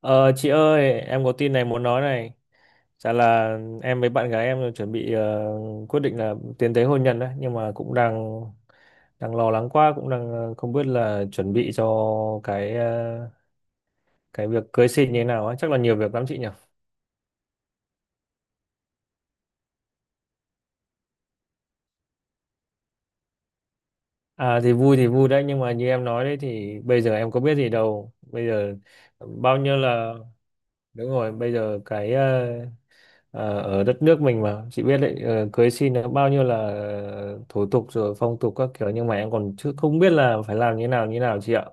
Ờ, chị ơi, em có tin này muốn nói này. Chả là em với bạn gái em chuẩn bị quyết định là tiến tới hôn nhân đấy, nhưng mà cũng đang đang lo lắng quá, cũng đang không biết là chuẩn bị cho cái ờ, cái việc cưới xin như thế nào ấy, chắc là nhiều việc lắm chị nhỉ. À, thì vui đấy, nhưng mà như em nói đấy thì bây giờ em có biết gì đâu. Bây giờ bao nhiêu là, đúng rồi, bây giờ ở đất nước mình mà chị biết đấy, cưới xin nó bao nhiêu là thủ tục rồi phong tục các kiểu, nhưng mà em còn chưa, không biết là phải làm như nào chị ạ.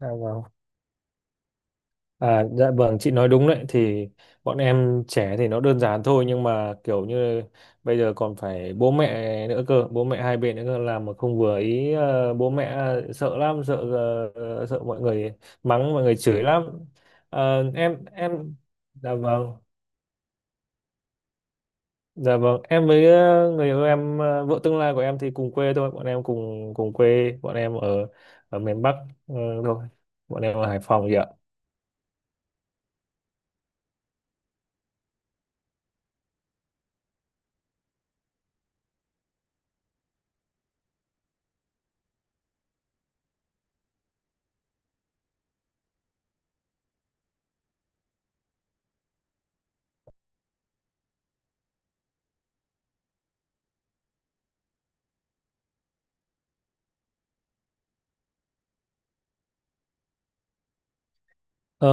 À, vâng. À, dạ vâng, chị nói đúng đấy. Thì bọn em trẻ thì nó đơn giản thôi, nhưng mà kiểu như bây giờ còn phải bố mẹ nữa cơ, bố mẹ hai bên nữa cơ, làm mà không vừa ý bố mẹ, sợ lắm, sợ mọi người mắng, mọi người chửi lắm. Em dạ vâng. Dạ vâng, em với người yêu em, vợ tương lai của em thì cùng quê thôi, bọn em cùng cùng quê, bọn em ở ở miền Bắc, ờ, thôi, bọn em ở Hải Phòng vậy ạ. Ờ,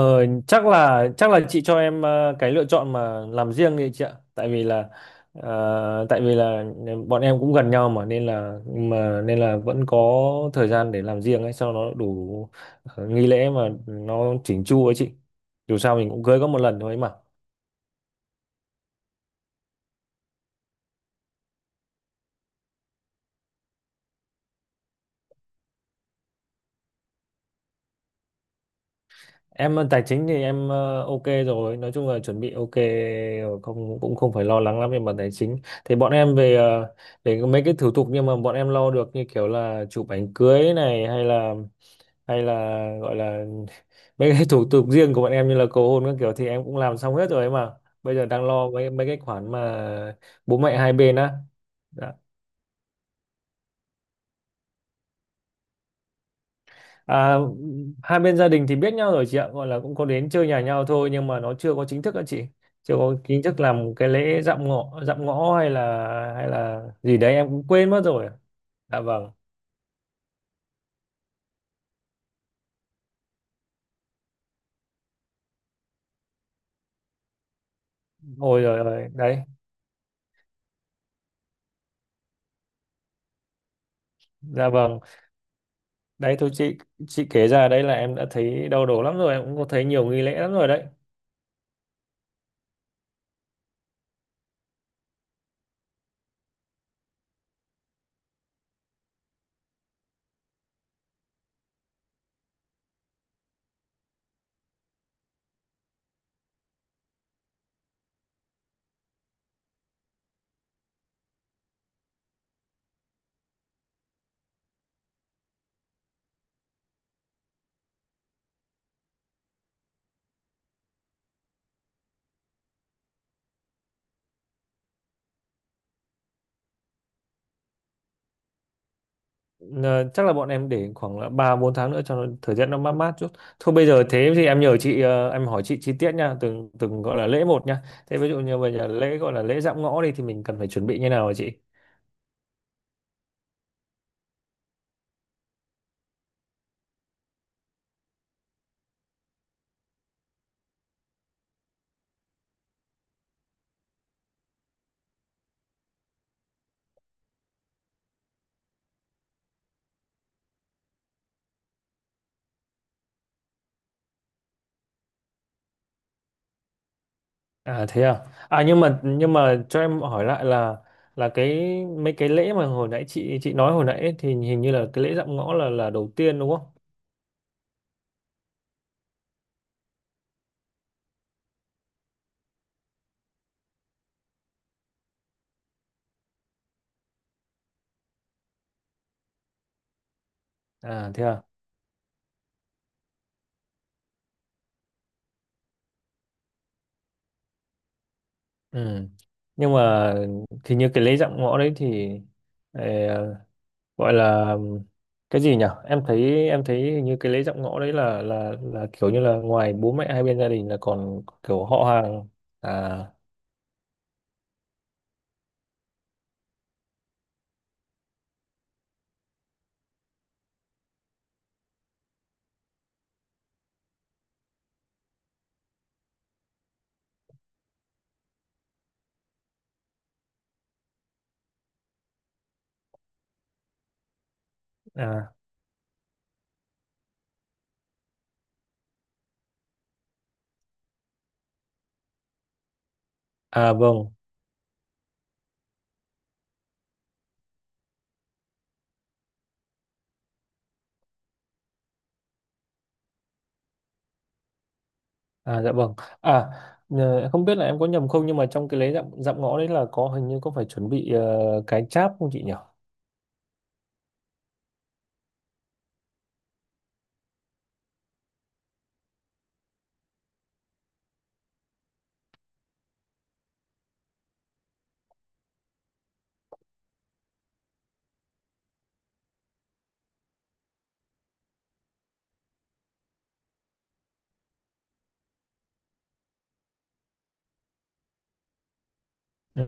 chắc là chắc là chị cho em cái lựa chọn mà làm riêng đi chị ạ, tại vì là ờ, tại vì là bọn em cũng gần nhau mà, nên là vẫn có thời gian để làm riêng ấy, cho nó đủ nghi lễ mà nó chỉnh chu ấy chị. Dù sao mình cũng cưới có một lần thôi ấy mà. Em tài chính thì em ok rồi, nói chung là chuẩn bị ok rồi, không, cũng không phải lo lắng lắm về mặt tài chính. Thì bọn em về về mấy cái thủ tục, nhưng mà bọn em lo được, như kiểu là chụp ảnh cưới này, hay là gọi là mấy cái thủ tục riêng của bọn em như là cầu hôn các kiểu thì em cũng làm xong hết rồi ấy mà. Bây giờ đang lo mấy mấy cái khoản mà bố mẹ hai bên á. À, hai bên gia đình thì biết nhau rồi chị ạ, gọi là cũng có đến chơi nhà nhau thôi, nhưng mà nó chưa có chính thức á chị. Chưa có chính thức làm cái lễ dạm ngõ hay là gì đấy em cũng quên mất rồi. Dạ vâng. Ôi, rồi rồi, đấy. Dạ vâng. Đấy thôi chị kể ra đấy là em đã thấy đau đầu lắm rồi, em cũng có thấy nhiều nghi lễ lắm rồi đấy. Ờ, Chắc là bọn em để khoảng là 3 4 tháng nữa cho nó thời tiết nó mát mát chút. Thôi bây giờ thế thì em nhờ chị, em hỏi chị chi tiết nha, từng từng gọi là lễ một nha. Thế ví dụ như bây giờ lễ gọi là lễ dạm ngõ đi thì mình cần phải chuẩn bị như nào hả chị? À, thế à. À, nhưng mà cho em hỏi lại là cái mấy cái lễ mà hồi nãy chị nói hồi nãy ấy, thì hình như là cái lễ dạm ngõ là đầu tiên đúng không? À, thế à. Ừ. Nhưng mà thì như cái lễ dạm ngõ đấy thì ờ, gọi là cái gì nhỉ, em thấy hình như cái lễ dạm ngõ đấy là kiểu như là ngoài bố mẹ hai bên gia đình là còn kiểu họ hàng. À, à, à, vâng. À, dạ vâng. À, em không biết là em có nhầm không, nhưng mà trong cái lễ dạm dạm ngõ đấy là hình như có phải chuẩn bị cái cháp không chị nhỉ? Ừ.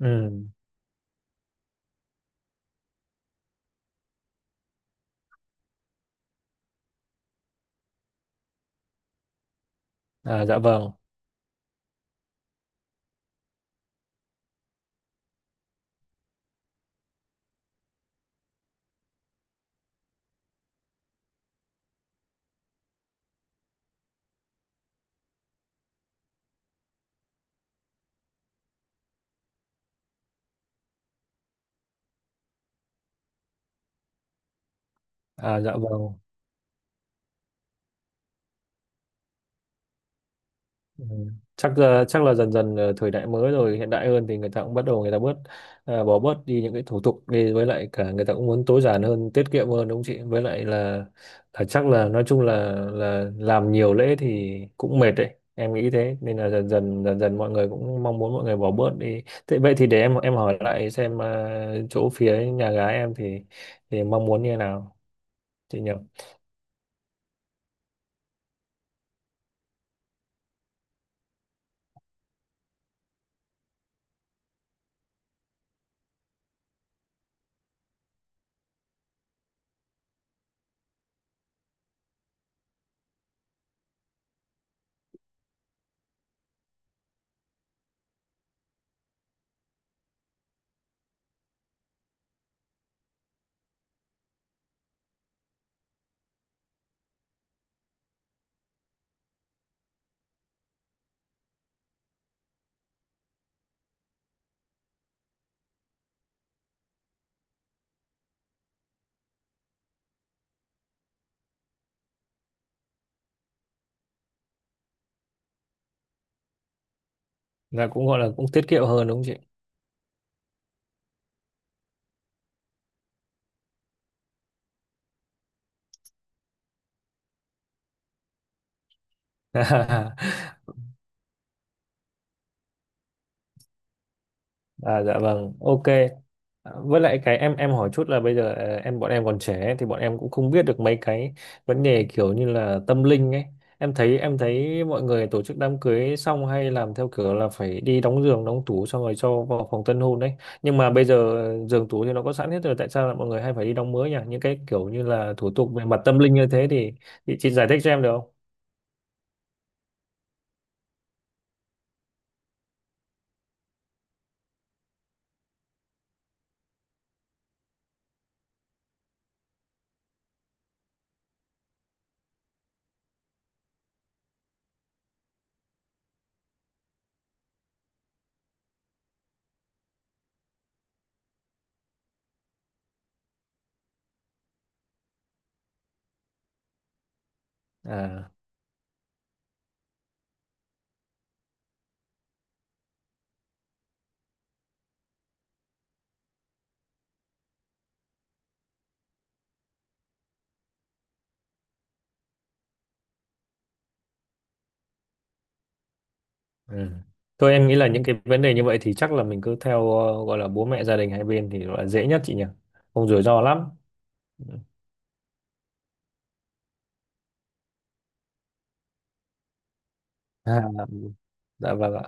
Ừ. À, dạ vâng. À, dạ vâng. Ừ. Chắc là dần dần, thời đại mới rồi, hiện đại hơn thì người ta cũng bắt đầu, người ta bớt, bỏ bớt đi những cái thủ tục đi, với lại cả người ta cũng muốn tối giản hơn, tiết kiệm hơn đúng không chị. Với lại là chắc là nói chung là làm nhiều lễ thì cũng mệt đấy, em nghĩ thế nên là dần dần mọi người cũng mong muốn, mọi người bỏ bớt đi. Thế vậy thì để em hỏi lại xem, chỗ phía nhà gái em thì mong muốn như thế nào chị nhỉ. Là cũng gọi là cũng tiết kiệm hơn đúng không chị. À, dạ vâng, ok. À, với lại cái em hỏi chút là bây giờ, bọn em còn trẻ ấy, thì bọn em cũng không biết được mấy cái vấn đề kiểu như là tâm linh ấy. Em thấy mọi người tổ chức đám cưới xong hay làm theo kiểu là phải đi đóng giường, đóng tủ xong rồi cho vào phòng tân hôn đấy. Nhưng mà bây giờ giường tủ thì nó có sẵn hết rồi, tại sao là mọi người hay phải đi đóng mới nhỉ? Những cái kiểu như là thủ tục về mặt tâm linh như thế thì chị giải thích cho em được không? À. Ừ. Thôi em nghĩ là những cái vấn đề như vậy thì chắc là mình cứ theo, gọi là bố mẹ gia đình hai bên thì gọi là dễ nhất chị nhỉ. Không rủi ro lắm. Ừ. À, dạ vâng ạ.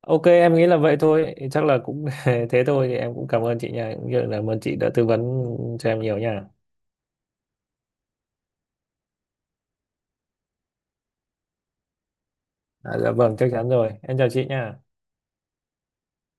Ok, em nghĩ là vậy thôi. Chắc là cũng thế thôi thì em cũng cảm ơn chị nha. Cũng như là cảm ơn chị đã tư vấn cho em nhiều nha. À, dạ vâng, chắc chắn rồi. Em chào chị nha.